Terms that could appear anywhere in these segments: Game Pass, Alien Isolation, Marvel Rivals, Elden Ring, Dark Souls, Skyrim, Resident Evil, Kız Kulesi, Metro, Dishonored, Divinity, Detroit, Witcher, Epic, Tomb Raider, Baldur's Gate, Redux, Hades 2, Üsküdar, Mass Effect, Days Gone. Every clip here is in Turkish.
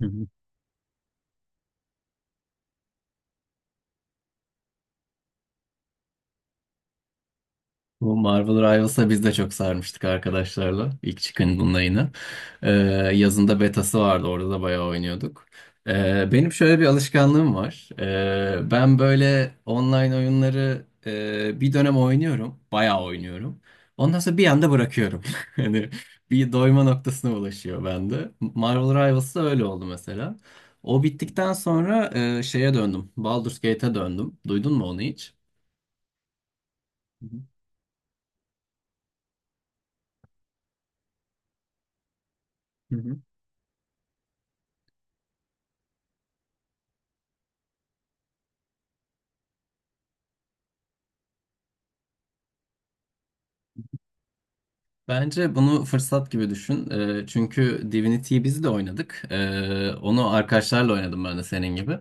Hı hı. Bu Marvel Rivals'a biz de çok sarmıştık arkadaşlarla. İlk çıkandığında yine. Ee, Yazında betası vardı. Orada da bayağı oynuyorduk. Benim şöyle bir alışkanlığım var. Ben böyle online oyunları bir dönem oynuyorum. Bayağı oynuyorum. Ondan sonra bir anda bırakıyorum. Hani bir doyma noktasına ulaşıyor bende. Marvel Rivals'da öyle oldu mesela. O bittikten sonra şeye döndüm. Baldur's Gate'e döndüm. Duydun mu onu hiç? Hı hı. Bence bunu fırsat gibi düşün. Çünkü Divinity'yi biz de oynadık. Onu arkadaşlarla oynadım ben de senin gibi.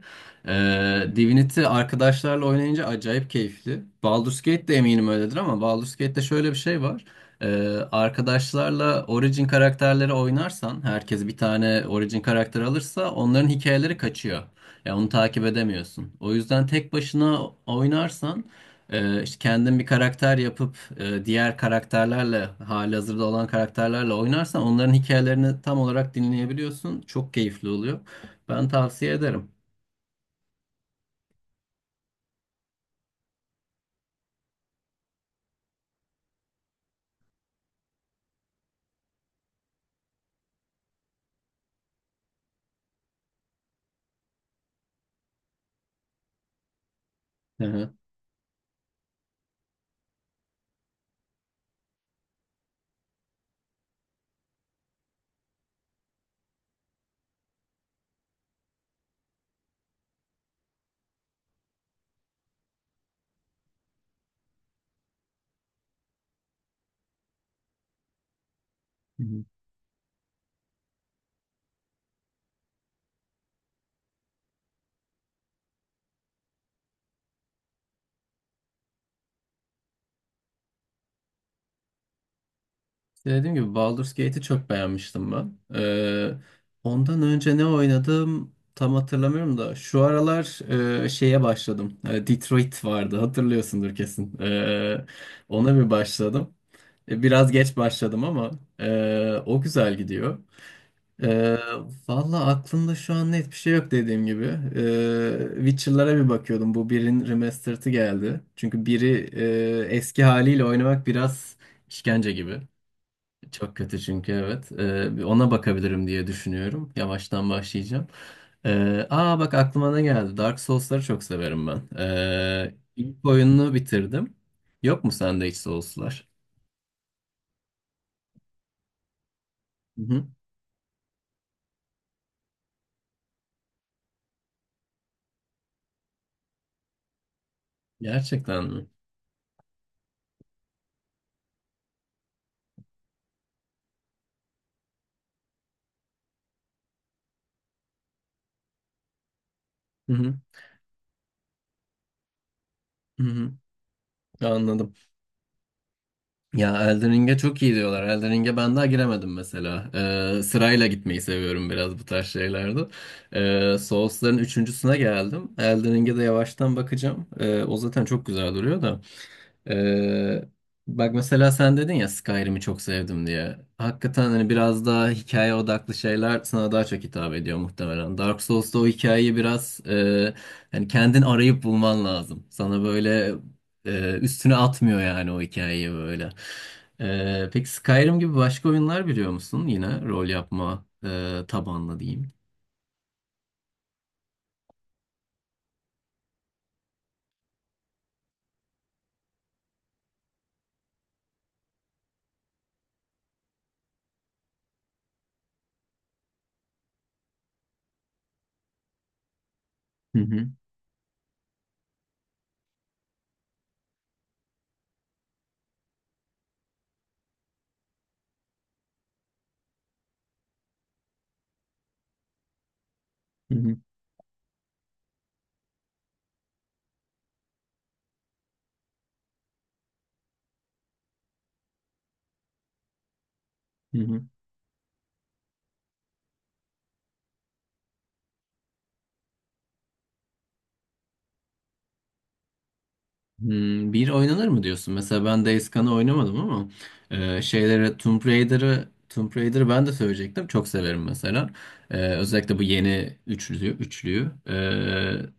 Divinity arkadaşlarla oynayınca acayip keyifli. Baldur's Gate de eminim öyledir ama Baldur's Gate'de şöyle bir şey var. Ee, Arkadaşlarla Origin karakterleri oynarsan, herkes bir tane Origin karakter alırsa onların hikayeleri kaçıyor. Ya onu takip edemiyorsun. O yüzden tek başına oynarsan işte kendin bir karakter yapıp diğer karakterlerle halihazırda olan karakterlerle oynarsan onların hikayelerini tam olarak dinleyebiliyorsun. Çok keyifli oluyor. Ben tavsiye ederim. Hı hı. Hı hı. İşte dediğim gibi Baldur's Gate'i çok beğenmiştim ben. Ondan önce ne oynadım tam hatırlamıyorum da şu aralar şeye başladım. Detroit vardı hatırlıyorsundur kesin. Ona bir başladım. Biraz geç başladım ama o güzel gidiyor. Ee, Valla aklımda şu an net bir şey yok dediğim gibi. Witcher'lara bir bakıyordum. Bu birin remastered'ı geldi. Çünkü biri eski haliyle oynamak biraz işkence gibi. Çok kötü çünkü evet. Bir ona bakabilirim diye düşünüyorum. Yavaştan başlayacağım. Aa bak aklıma ne geldi. Dark Souls'ları çok severim ben. İlk oyununu bitirdim. Yok mu sende hiç Souls'lar? Hı hı. Gerçekten mi? Hı hı. Hı hı. Anladım. Ya Elden Ring'e çok iyi diyorlar. Elden Ring'e ben daha giremedim mesela. Sırayla gitmeyi seviyorum biraz bu tarz şeylerde. Souls'ların üçüncüsüne geldim. Elden Ring'e de yavaştan bakacağım. O zaten çok güzel duruyor da. Ee, Bak mesela sen dedin ya Skyrim'i çok sevdim diye. Hakikaten hani biraz daha hikaye odaklı şeyler sana daha çok hitap ediyor muhtemelen. Dark Souls'ta o hikayeyi biraz hani kendin arayıp bulman lazım. Sana böyle üstüne atmıyor yani o hikayeyi böyle. Peki Skyrim gibi başka oyunlar biliyor musun? Yine rol yapma tabanlı diyeyim. Hı hı, hı hı, hı hı. Hmm, bir oynanır mı diyorsun? Mesela ben Days Gone'ı oynamadım ama şeyleri Tomb Raider'ı ben de söyleyecektim. Çok severim mesela. Özellikle bu yeni üçlüyü.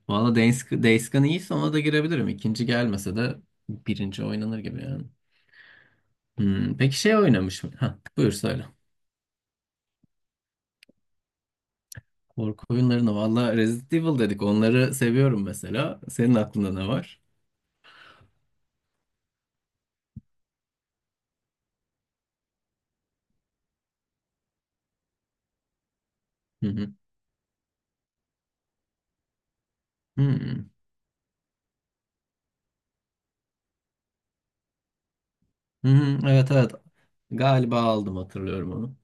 Valla Days Gone iyiyse ona da girebilirim. İkinci gelmese de birinci oynanır gibi yani. Hmm, peki şey oynamış mı? Ha, buyur söyle. Korku oyunlarını valla Resident Evil dedik. Onları seviyorum mesela. Senin aklında ne var? Hı hı. Hmm. Hı hı. Evet, evet. Galiba aldım, hatırlıyorum onu.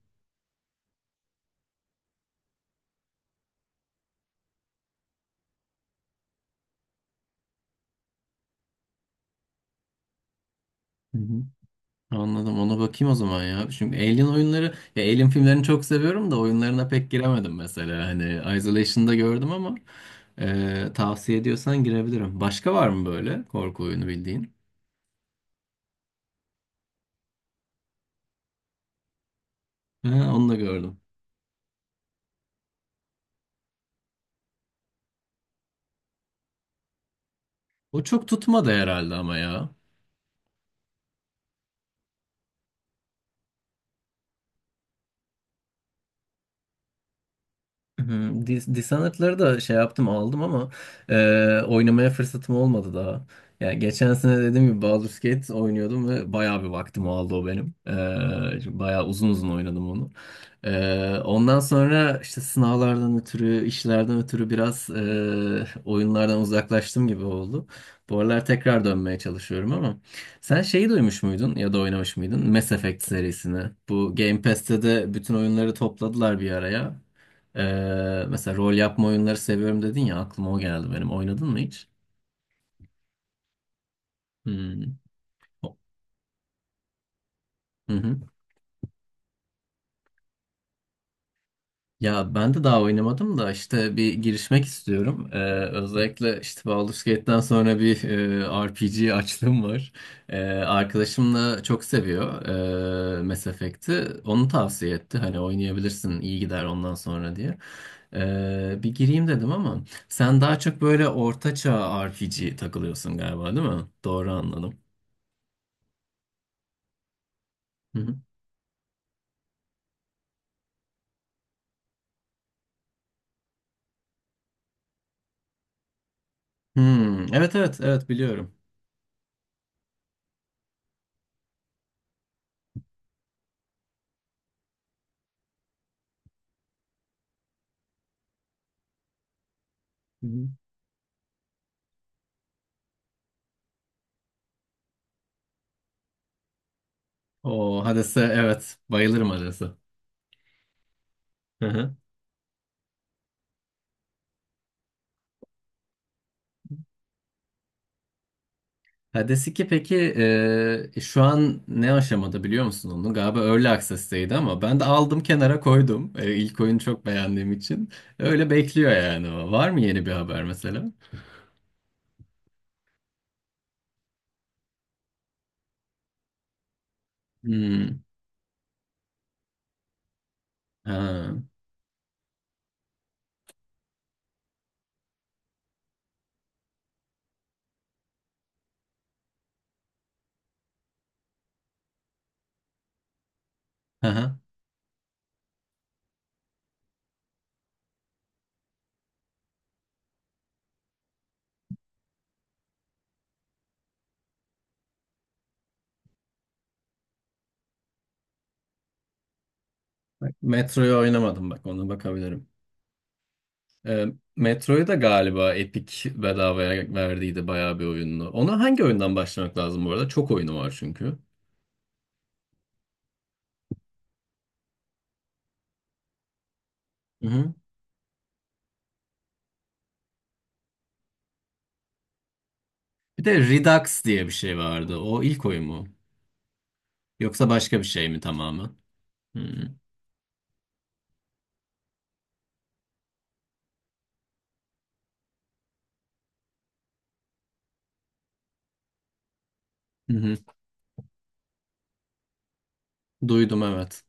Hı hı. Anladım. Ona bakayım o zaman ya. Çünkü Alien oyunları, ya Alien filmlerini çok seviyorum da oyunlarına pek giremedim mesela. Hani Isolation'da gördüm ama tavsiye ediyorsan girebilirim. Başka var mı böyle korku oyunu bildiğin? Ha, onu da gördüm. O çok tutmadı herhalde ama ya. Hmm, Dishonored'ları da şey yaptım, aldım ama oynamaya fırsatım olmadı daha. Yani geçen sene dediğim gibi Baldur's Gate oynuyordum ve bayağı bir vaktim aldı o benim. Çünkü bayağı uzun uzun oynadım onu. Ondan sonra işte sınavlardan ötürü, işlerden ötürü biraz oyunlardan uzaklaştım gibi oldu. Bu aralar tekrar dönmeye çalışıyorum ama sen şeyi duymuş muydun ya da oynamış mıydın? Mass Effect serisini. Bu Game Pass'te de bütün oyunları topladılar bir araya. Mesela rol yapma oyunları seviyorum dedin ya aklıma o geldi benim. Oynadın mı hiç? Hmm. O- Hı hı. Ya ben de daha oynamadım da işte bir girişmek istiyorum. Özellikle işte Baldur's Gate'den sonra bir RPG açlığım var. Arkadaşım da çok seviyor Mass Effect'i. Onu tavsiye etti. Hani oynayabilirsin, iyi gider ondan sonra diye. Bir gireyim dedim ama sen daha çok böyle ortaçağ RPG takılıyorsun galiba, değil mi? Doğru anladım. Hmm, evet evet evet biliyorum. Hı hı. O Hades'e evet, bayılırım Hades'e. Hı hı. Hades 2 peki şu an ne aşamada biliyor musun onu? Galiba Early Access'teydi ama ben de aldım kenara koydum. İlk oyunu çok beğendiğim için. Öyle bekliyor yani o. Var mı yeni bir haber mesela? Hmm. Ha. Hı hı. Bak, Metro'yu oynamadım, bak ona bakabilirim. E, Metro'yu da galiba Epic bedavaya verdiydi bayağı bir oyununu. Ona hangi oyundan başlamak lazım bu arada? Çok oyunu var çünkü. Hı hı. Bir de Redux diye bir şey vardı. O ilk oyun mu? Yoksa başka bir şey mi tamamen? Hı hı. Hı hı. Duydum evet.